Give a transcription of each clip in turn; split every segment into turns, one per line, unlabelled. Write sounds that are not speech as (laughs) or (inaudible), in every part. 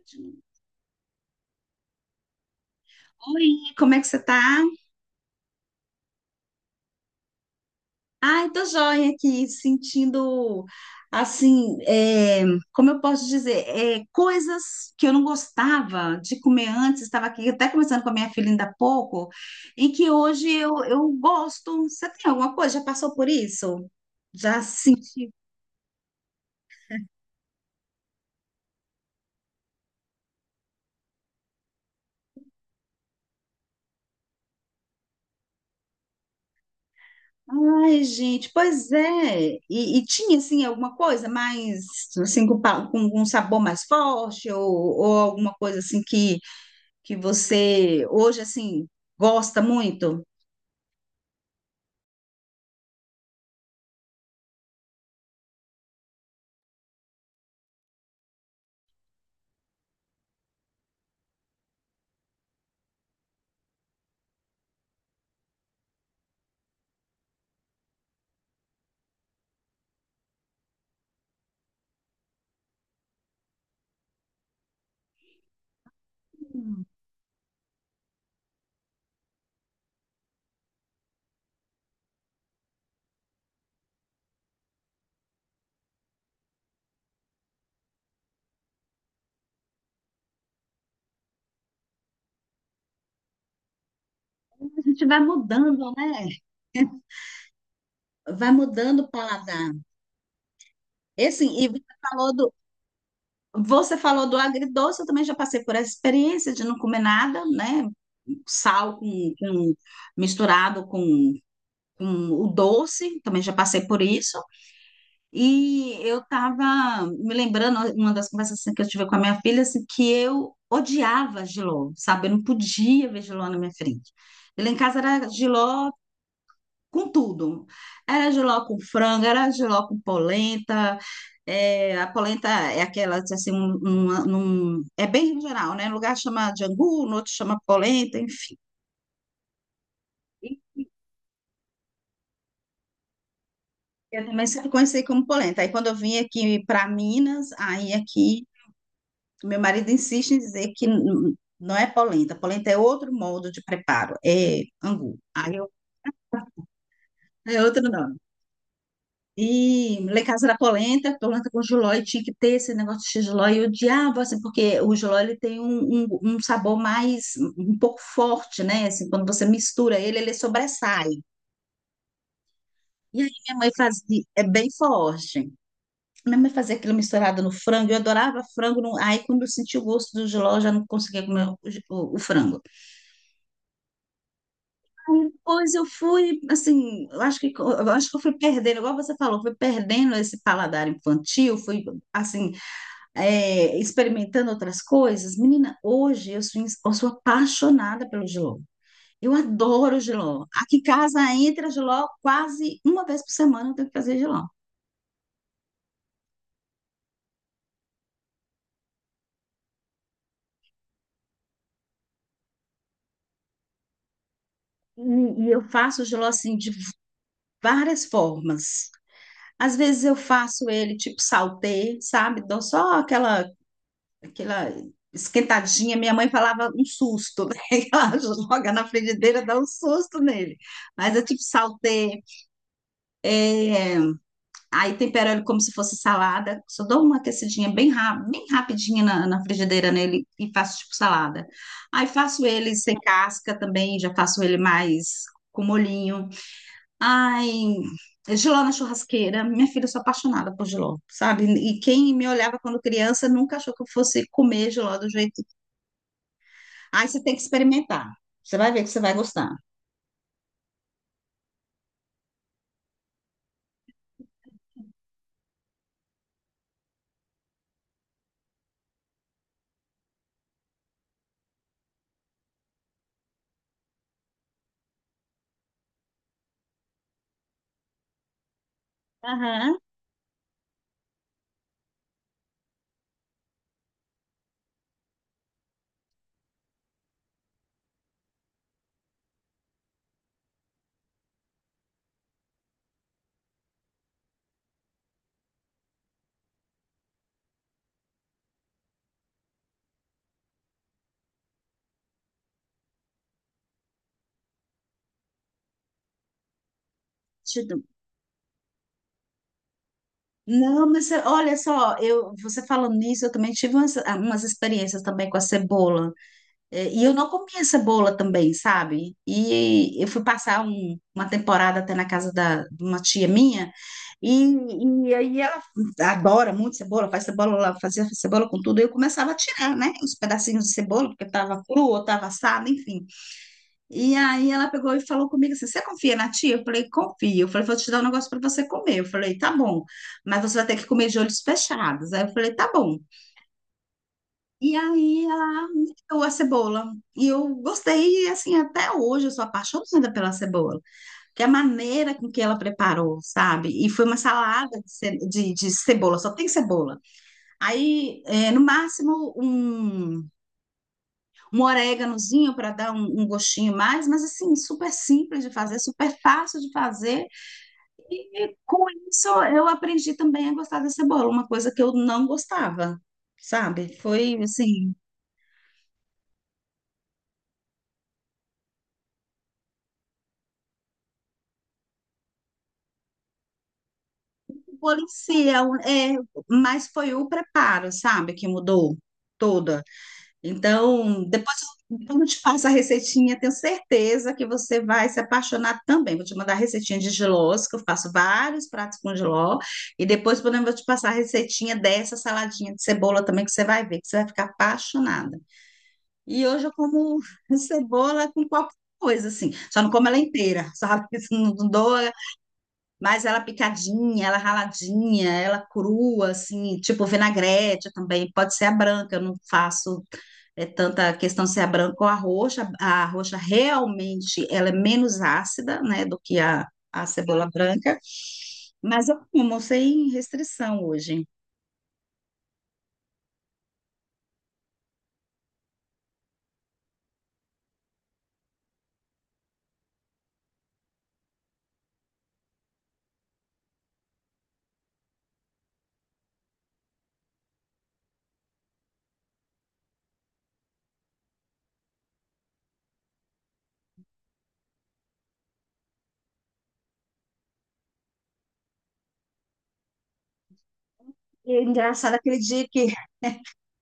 Ótimo. Oi, como é que você tá? Ai, tô joia aqui, sentindo, assim, como eu posso dizer, coisas que eu não gostava de comer antes, estava aqui até conversando com a minha filha ainda há pouco, e que hoje eu gosto. Você tem alguma coisa? Já passou por isso? Já senti? Ai, gente, pois é. E tinha, assim, alguma coisa mais, assim, com um sabor mais forte, ou alguma coisa assim que você hoje assim gosta muito? Hum. A gente vai mudando, né? Vai mudando o paladar. E assim, você falou do agridoce, eu também já passei por essa experiência de não comer nada, né? Sal com, com- misturado com o doce, também já passei por isso. E eu estava me lembrando, uma das conversas assim, que eu tive com a minha filha, assim, que eu odiava Giló, sabe? Eu não podia ver Giló na minha frente. E lá em casa era Giló com tudo. Era Giló com frango, era Giló com polenta. É, a polenta é aquela, assim, é bem geral, né? Um lugar chama de angu, no outro chama polenta, enfim. Eu também sempre conheci como polenta. Aí quando eu vim aqui para Minas, aí aqui meu marido insiste em dizer que não é polenta. Polenta é outro modo de preparo, é angu. Aí eu, é outro nome. E lá em casa era polenta, polenta com jiló, e tinha que ter esse negócio de jiló. E eu odiava, assim, porque o jiló ele tem um sabor mais, um pouco forte, né? Assim, quando você mistura ele, ele sobressai. E aí minha mãe fazia, é bem forte. Minha mãe fazia aquilo misturado no frango, eu adorava frango. Aí quando eu senti o gosto do jiló, eu já não conseguia comer o frango. Aí depois eu fui, assim, eu acho que eu fui perdendo, igual você falou, fui perdendo esse paladar infantil, fui, assim, experimentando outras coisas. Menina, hoje eu sou apaixonada pelo jiló. Eu adoro jiló. Aqui em casa entra jiló quase uma vez por semana, eu tenho que fazer jiló. E, e eu faço o jiló, assim, de várias formas. Às vezes eu faço ele tipo saltê, sabe? Dou só aquela esquentadinha, minha mãe falava um susto, né? (laughs) Ela joga na frigideira, dá um susto nele. Mas eu tipo saltei, é, aí tempero ele como se fosse salada, só dou uma aquecidinha bem, bem rapidinha na frigideira nele e faço tipo salada. Aí faço ele sem casca também, já faço ele mais com molhinho. Ai, jiló na churrasqueira, minha filha, eu sou apaixonada por jiló, sabe? E quem me olhava quando criança nunca achou que eu fosse comer jiló do jeito. Aí você tem que experimentar. Você vai ver que você vai gostar. Aham. Deixa eu. Não, mas olha só, eu, você falando nisso, eu também tive umas, ah, umas experiências também com a cebola. É, e eu não comia cebola também, sabe? E eu fui passar uma temporada até na casa da, de uma tia minha, e, e aí ela adora muito cebola, faz cebola lá, fazia cebola com tudo, e eu começava a tirar, né? Os pedacinhos de cebola, porque tava cru ou tava assado, enfim. E aí ela pegou e falou comigo assim: Você confia na tia? Eu falei: Confio. Eu falei: Vou te dar um negócio para você comer. Eu falei: Tá bom, mas você vai ter que comer de olhos fechados. Aí eu falei: Tá bom. E aí ela me deu a cebola. E eu gostei, e assim, até hoje eu sou apaixonada pela cebola, que é a maneira com que ela preparou, sabe? E foi uma salada de, de cebola, só tem cebola. Aí, no máximo, um um oréganozinho para dar gostinho mais, mas assim, super simples de fazer, super fácil de fazer. E com isso eu aprendi também a gostar da cebola, uma coisa que eu não gostava, sabe? Foi assim, o bolo em si, mas foi o preparo, sabe, que mudou toda. Então, depois eu então eu te passo a receitinha, tenho certeza que você vai se apaixonar também. Vou te mandar a receitinha de jilós, que eu faço vários pratos com jiló, e depois podemos vou te passar a receitinha dessa saladinha de cebola também, que você vai ver, que você vai ficar apaixonada. E hoje eu como (laughs) cebola com qualquer coisa, assim, só não como ela inteira, só (laughs) não dou, mas ela picadinha, ela raladinha, ela crua, assim, tipo vinagrete também, pode ser a branca, eu não faço é tanta a questão se é branca ou a roxa. A roxa realmente ela é menos ácida, né, do que a cebola branca. Mas eu como sem restrição hoje. E é engraçado aquele dia que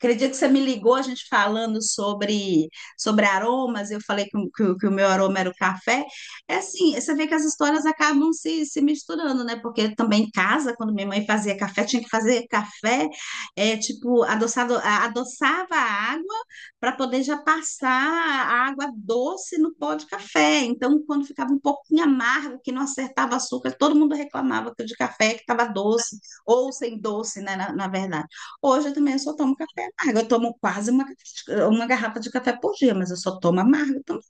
acredito que você me ligou, a gente falando sobre aromas, eu falei que, o que o meu aroma era o café. É assim, você vê que as histórias acabam se misturando, né? Porque também em casa, quando minha mãe fazia café, tinha que fazer café, é, tipo, adoçado, adoçava a água para poder já passar a água doce no pó de café. Então, quando ficava um pouquinho amargo, que não acertava açúcar, todo mundo reclamava que o de café que estava doce, ou sem doce, né? Na verdade. Hoje eu também só tomo café amargo. Eu tomo quase uma garrafa de café por dia, mas eu só tomo amargo também.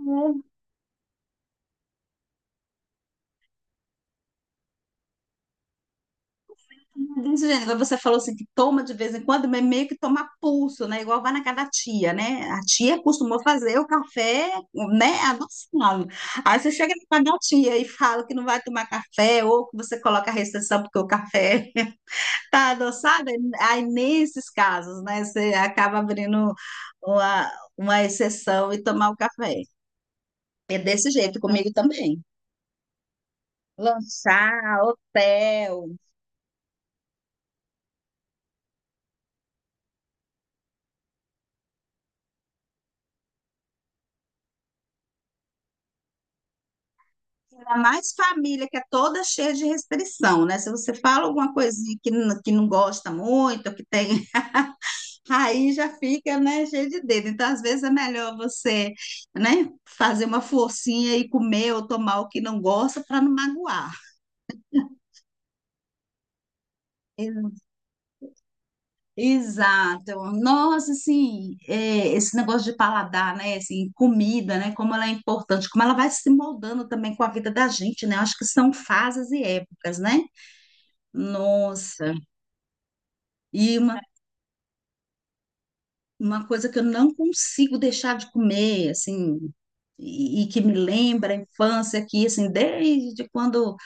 É, desse jeito. Agora você falou assim que toma de vez em quando, mas meio que toma a pulso, né? Igual vai na casa da tia, né? A tia costumou fazer o café, né? A noção. Aí você chega na casa da tia e fala que não vai tomar café, ou que você coloca a restrição porque o café (laughs) tá adoçado. Aí nesses casos, né? Você acaba abrindo uma, uma exceção e tomar o café. É desse jeito comigo também. Lanchar, hotel, ainda mais família que é toda cheia de restrição, né? Se você fala alguma coisinha que, que não gosta muito, que tem, (laughs) aí já fica, né, cheio de dedo. Então, às vezes é melhor você, né, fazer uma forcinha e comer ou tomar o que não gosta para não magoar. Exato. Nossa, assim, é, esse negócio de paladar, né? Assim, comida, né? Como ela é importante, como ela vai se moldando também com a vida da gente, né? Acho que são fases e épocas, né? Nossa. E uma coisa que eu não consigo deixar de comer, assim, e que me lembra a infância aqui, assim, desde quando,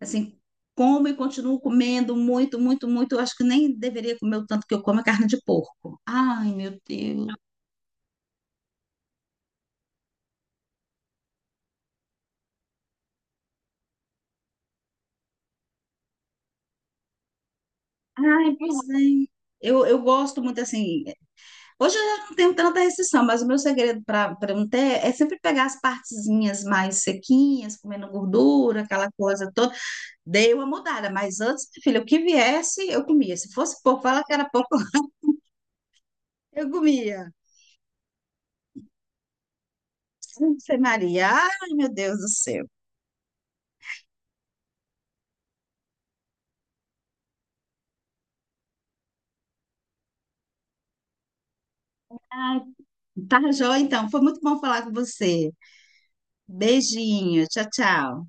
assim, como e continuo comendo muito, muito, muito. Eu acho que nem deveria comer o tanto que eu como a carne de porco. Ai, meu Deus. Ai, pois é. Eu gosto muito assim. Hoje eu já não tenho tanta restrição, mas o meu segredo para não ter é sempre pegar as partezinhas mais sequinhas, comendo gordura, aquela coisa toda. Dei uma mudada, mas antes, filha, o que viesse, eu comia. Se fosse pouco, fala que era pouco, (laughs) eu comia. Ave Maria, ai meu Deus do céu. Tá, joia, então. Foi muito bom falar com você. Beijinho, tchau, tchau.